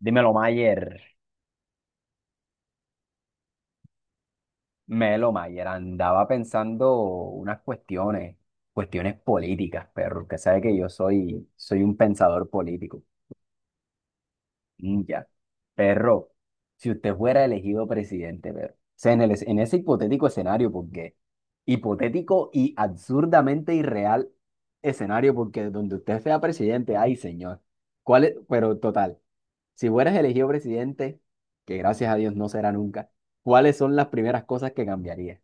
Dímelo, Mayer. Melo Mayer, andaba pensando unas cuestiones, cuestiones políticas, perro, que sabe que yo soy un pensador político. Ya. Perro, si usted fuera elegido presidente, perro, en ese hipotético escenario, porque hipotético y absurdamente irreal escenario, porque donde usted sea presidente, ay, señor. ¿Cuál es? Pero total. Si fueras elegido presidente, que gracias a Dios no será nunca, ¿cuáles son las primeras cosas que cambiarías?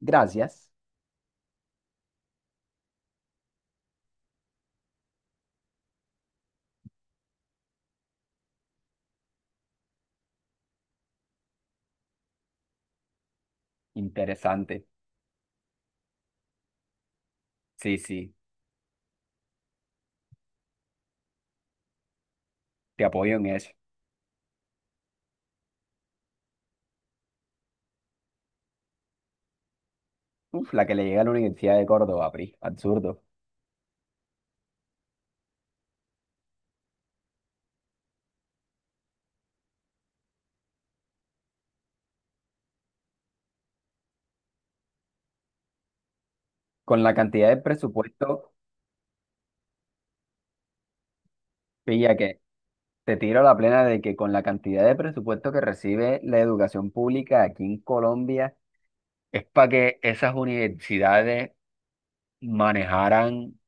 Gracias. Interesante. Sí, sí, te apoyo en eso. Uf, la que le llega a la Universidad de Córdoba, PRI. Absurdo. Con la cantidad de presupuesto, pilla que te tiro la plena de que con la cantidad de presupuesto que recibe la educación pública aquí en Colombia, es para que esas universidades manejaran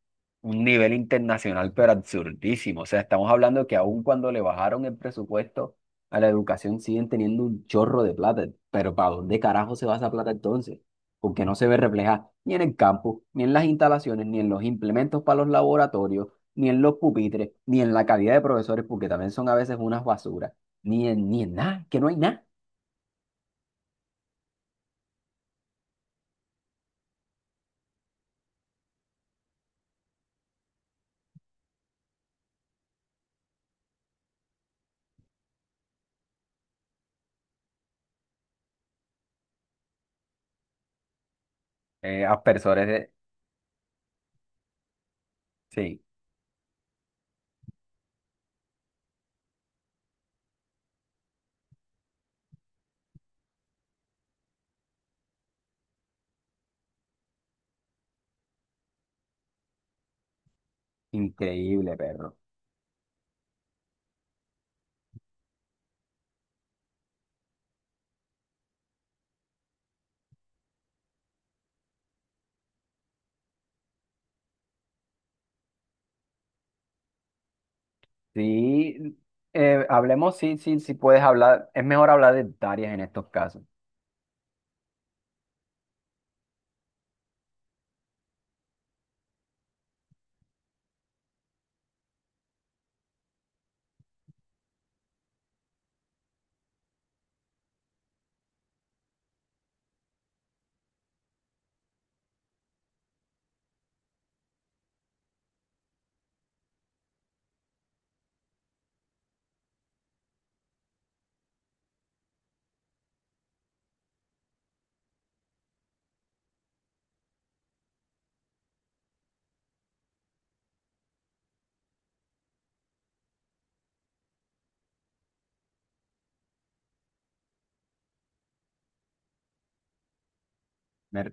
un nivel internacional, pero absurdísimo. O sea, estamos hablando que aun cuando le bajaron el presupuesto a la educación, siguen teniendo un chorro de plata. Pero ¿para dónde carajo se va esa plata entonces? Porque no se ve reflejada ni en el campo, ni en las instalaciones, ni en los implementos para los laboratorios, ni en los pupitres, ni en la calidad de profesores, porque también son a veces unas basuras, ni en nada, que no hay nada. Aspersores de... Sí, increíble, perro. Sí, hablemos, sí puedes hablar, es mejor hablar de hectáreas en estos casos. Me,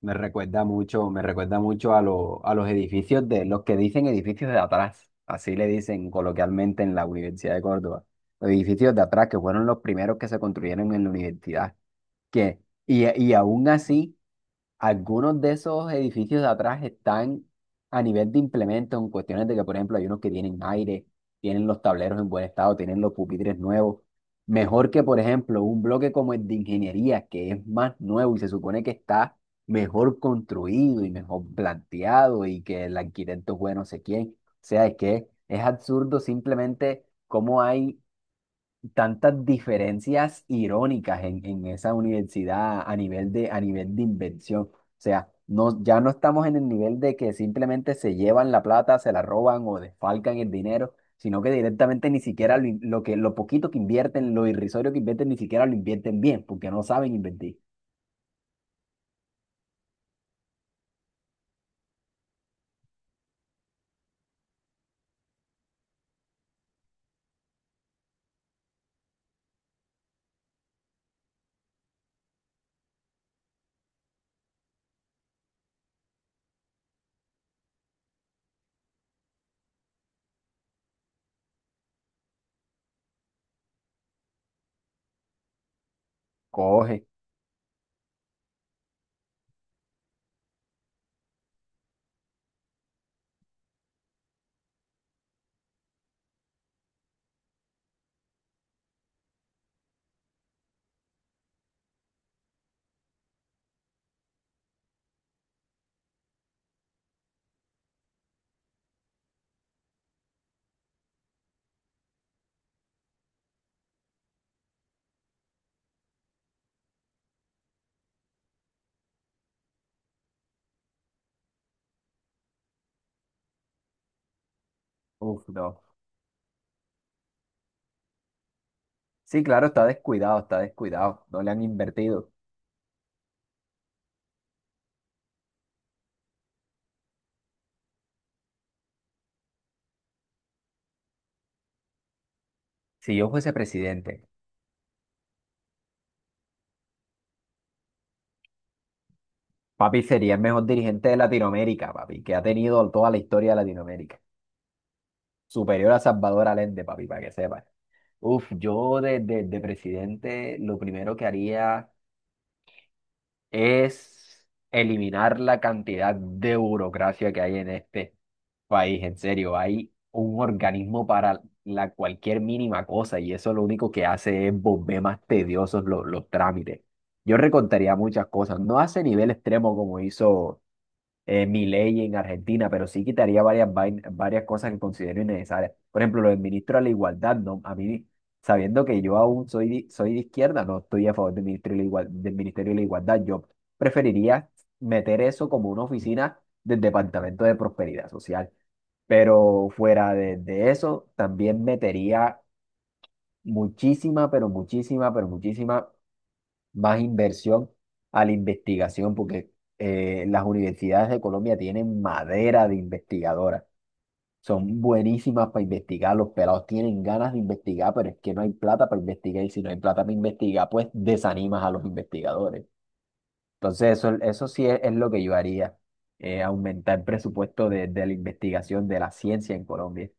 me recuerda mucho a, a los edificios de los que dicen edificios de atrás, así le dicen coloquialmente en la Universidad de Córdoba. Los edificios de atrás que fueron los primeros que se construyeron en la universidad. Que, y aún así. Algunos de esos edificios de atrás están a nivel de implementos, en cuestiones de que, por ejemplo, hay unos que tienen aire, tienen los tableros en buen estado, tienen los pupitres nuevos. Mejor que, por ejemplo, un bloque como el de ingeniería, que es más nuevo y se supone que está mejor construido y mejor planteado y que el arquitecto fue no sé quién. O sea, es que es absurdo simplemente cómo hay tantas diferencias irónicas en esa universidad a nivel a nivel de invención. O sea, no, ya no estamos en el nivel de que simplemente se llevan la plata, se la roban o desfalcan el dinero, sino que directamente ni siquiera lo poquito que invierten, lo irrisorio que invierten, ni siquiera lo invierten bien, porque no saben invertir. Coge. Uf, no. Sí, claro, está descuidado. No le han invertido. Si yo fuese presidente. Papi sería el mejor dirigente de Latinoamérica, papi, que ha tenido toda la historia de Latinoamérica. Superior a Salvador Allende, papi, para que sepas. Uf, yo de presidente lo primero que haría es eliminar la cantidad de burocracia que hay en este país. En serio, hay un organismo para la cualquier mínima cosa y eso lo único que hace es volver más tediosos los trámites. Yo recortaría muchas cosas, no hace nivel extremo como hizo mi ley en Argentina, pero sí quitaría varias cosas que considero innecesarias. Por ejemplo, lo del ministro de la Igualdad, ¿no? A mí, sabiendo que yo aún soy de izquierda, no estoy a favor del ministro de la Igual- del Ministerio de la Igualdad. Yo preferiría meter eso como una oficina del Departamento de Prosperidad Social. Pero fuera de eso, también metería muchísima, pero muchísima, pero muchísima más inversión a la investigación, porque las universidades de Colombia tienen madera de investigadoras. Son buenísimas para investigar, los pelados tienen ganas de investigar, pero es que no hay plata para investigar y si no hay plata para investigar, pues desanimas a los investigadores. Entonces, eso sí es lo que yo haría, aumentar el presupuesto de la investigación de la ciencia en Colombia.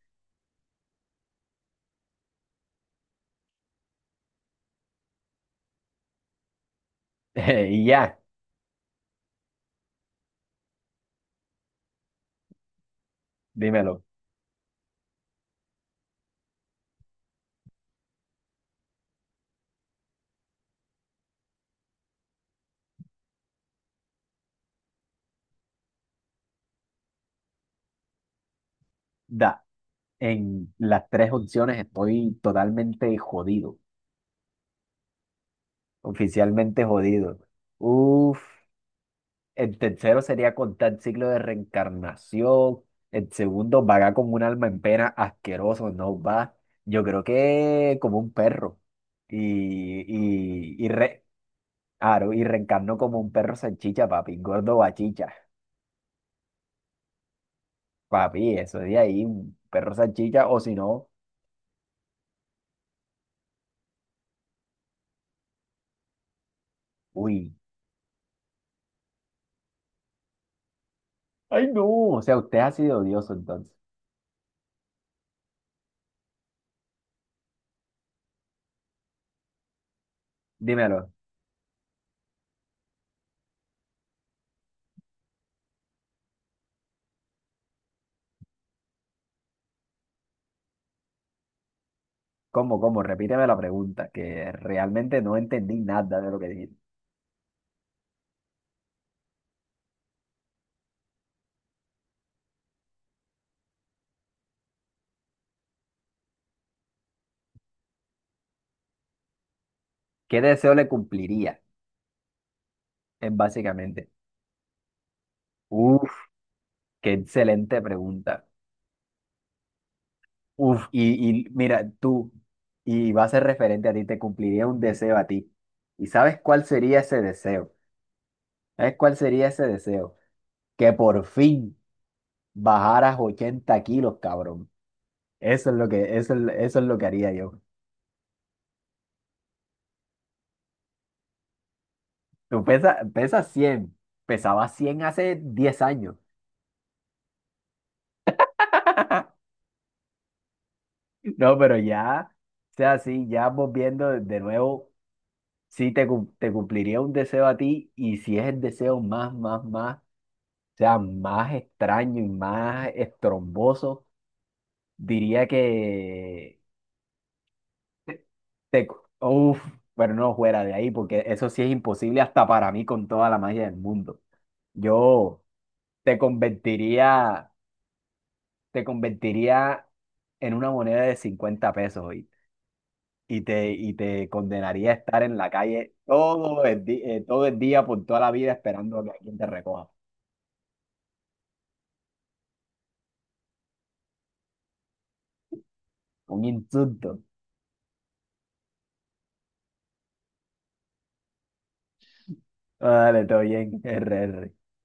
Y ya, dímelo, da, en las tres opciones estoy totalmente jodido. Oficialmente jodido. Uf, el tercero sería contar el ciclo de reencarnación. El segundo, vagar como un alma en pena, asqueroso, no va. Yo creo que como un perro. Y, y, y, re- claro, y reencarno como un perro salchicha, papi, gordo bachicha. Papi, eso de ahí, un perro salchicha, o si no, uy. Ay, no, o sea, usted ha sido odioso entonces. Dímelo, ¿cómo, cómo? Repíteme la pregunta, que realmente no entendí nada de lo que dijiste. ¿Qué deseo le cumpliría? Es básicamente. Uf, qué excelente pregunta. Uf, mira, tú, y va a ser referente a ti, te cumpliría un deseo a ti. ¿Y sabes cuál sería ese deseo? ¿Sabes cuál sería ese deseo? Que por fin bajaras 80 kilos, cabrón. Eso es lo que, eso es lo que haría yo. Pesas 100 pesabas 100 hace 10 años. No, pero ya, o sea, sí, ya volviendo de nuevo. Sí te, te cumpliría un deseo a ti y si es el deseo más, más, más, o sea, más extraño y más estromboso, diría que te... Uf, pero no fuera de ahí porque eso sí es imposible hasta para mí con toda la magia del mundo. Yo te convertiría, te convertiría en una moneda de 50 pesos hoy. Y te condenaría a estar en la calle todo el día por toda la vida esperando a que alguien te recoja. Un insulto. Vale, todo bien. RR.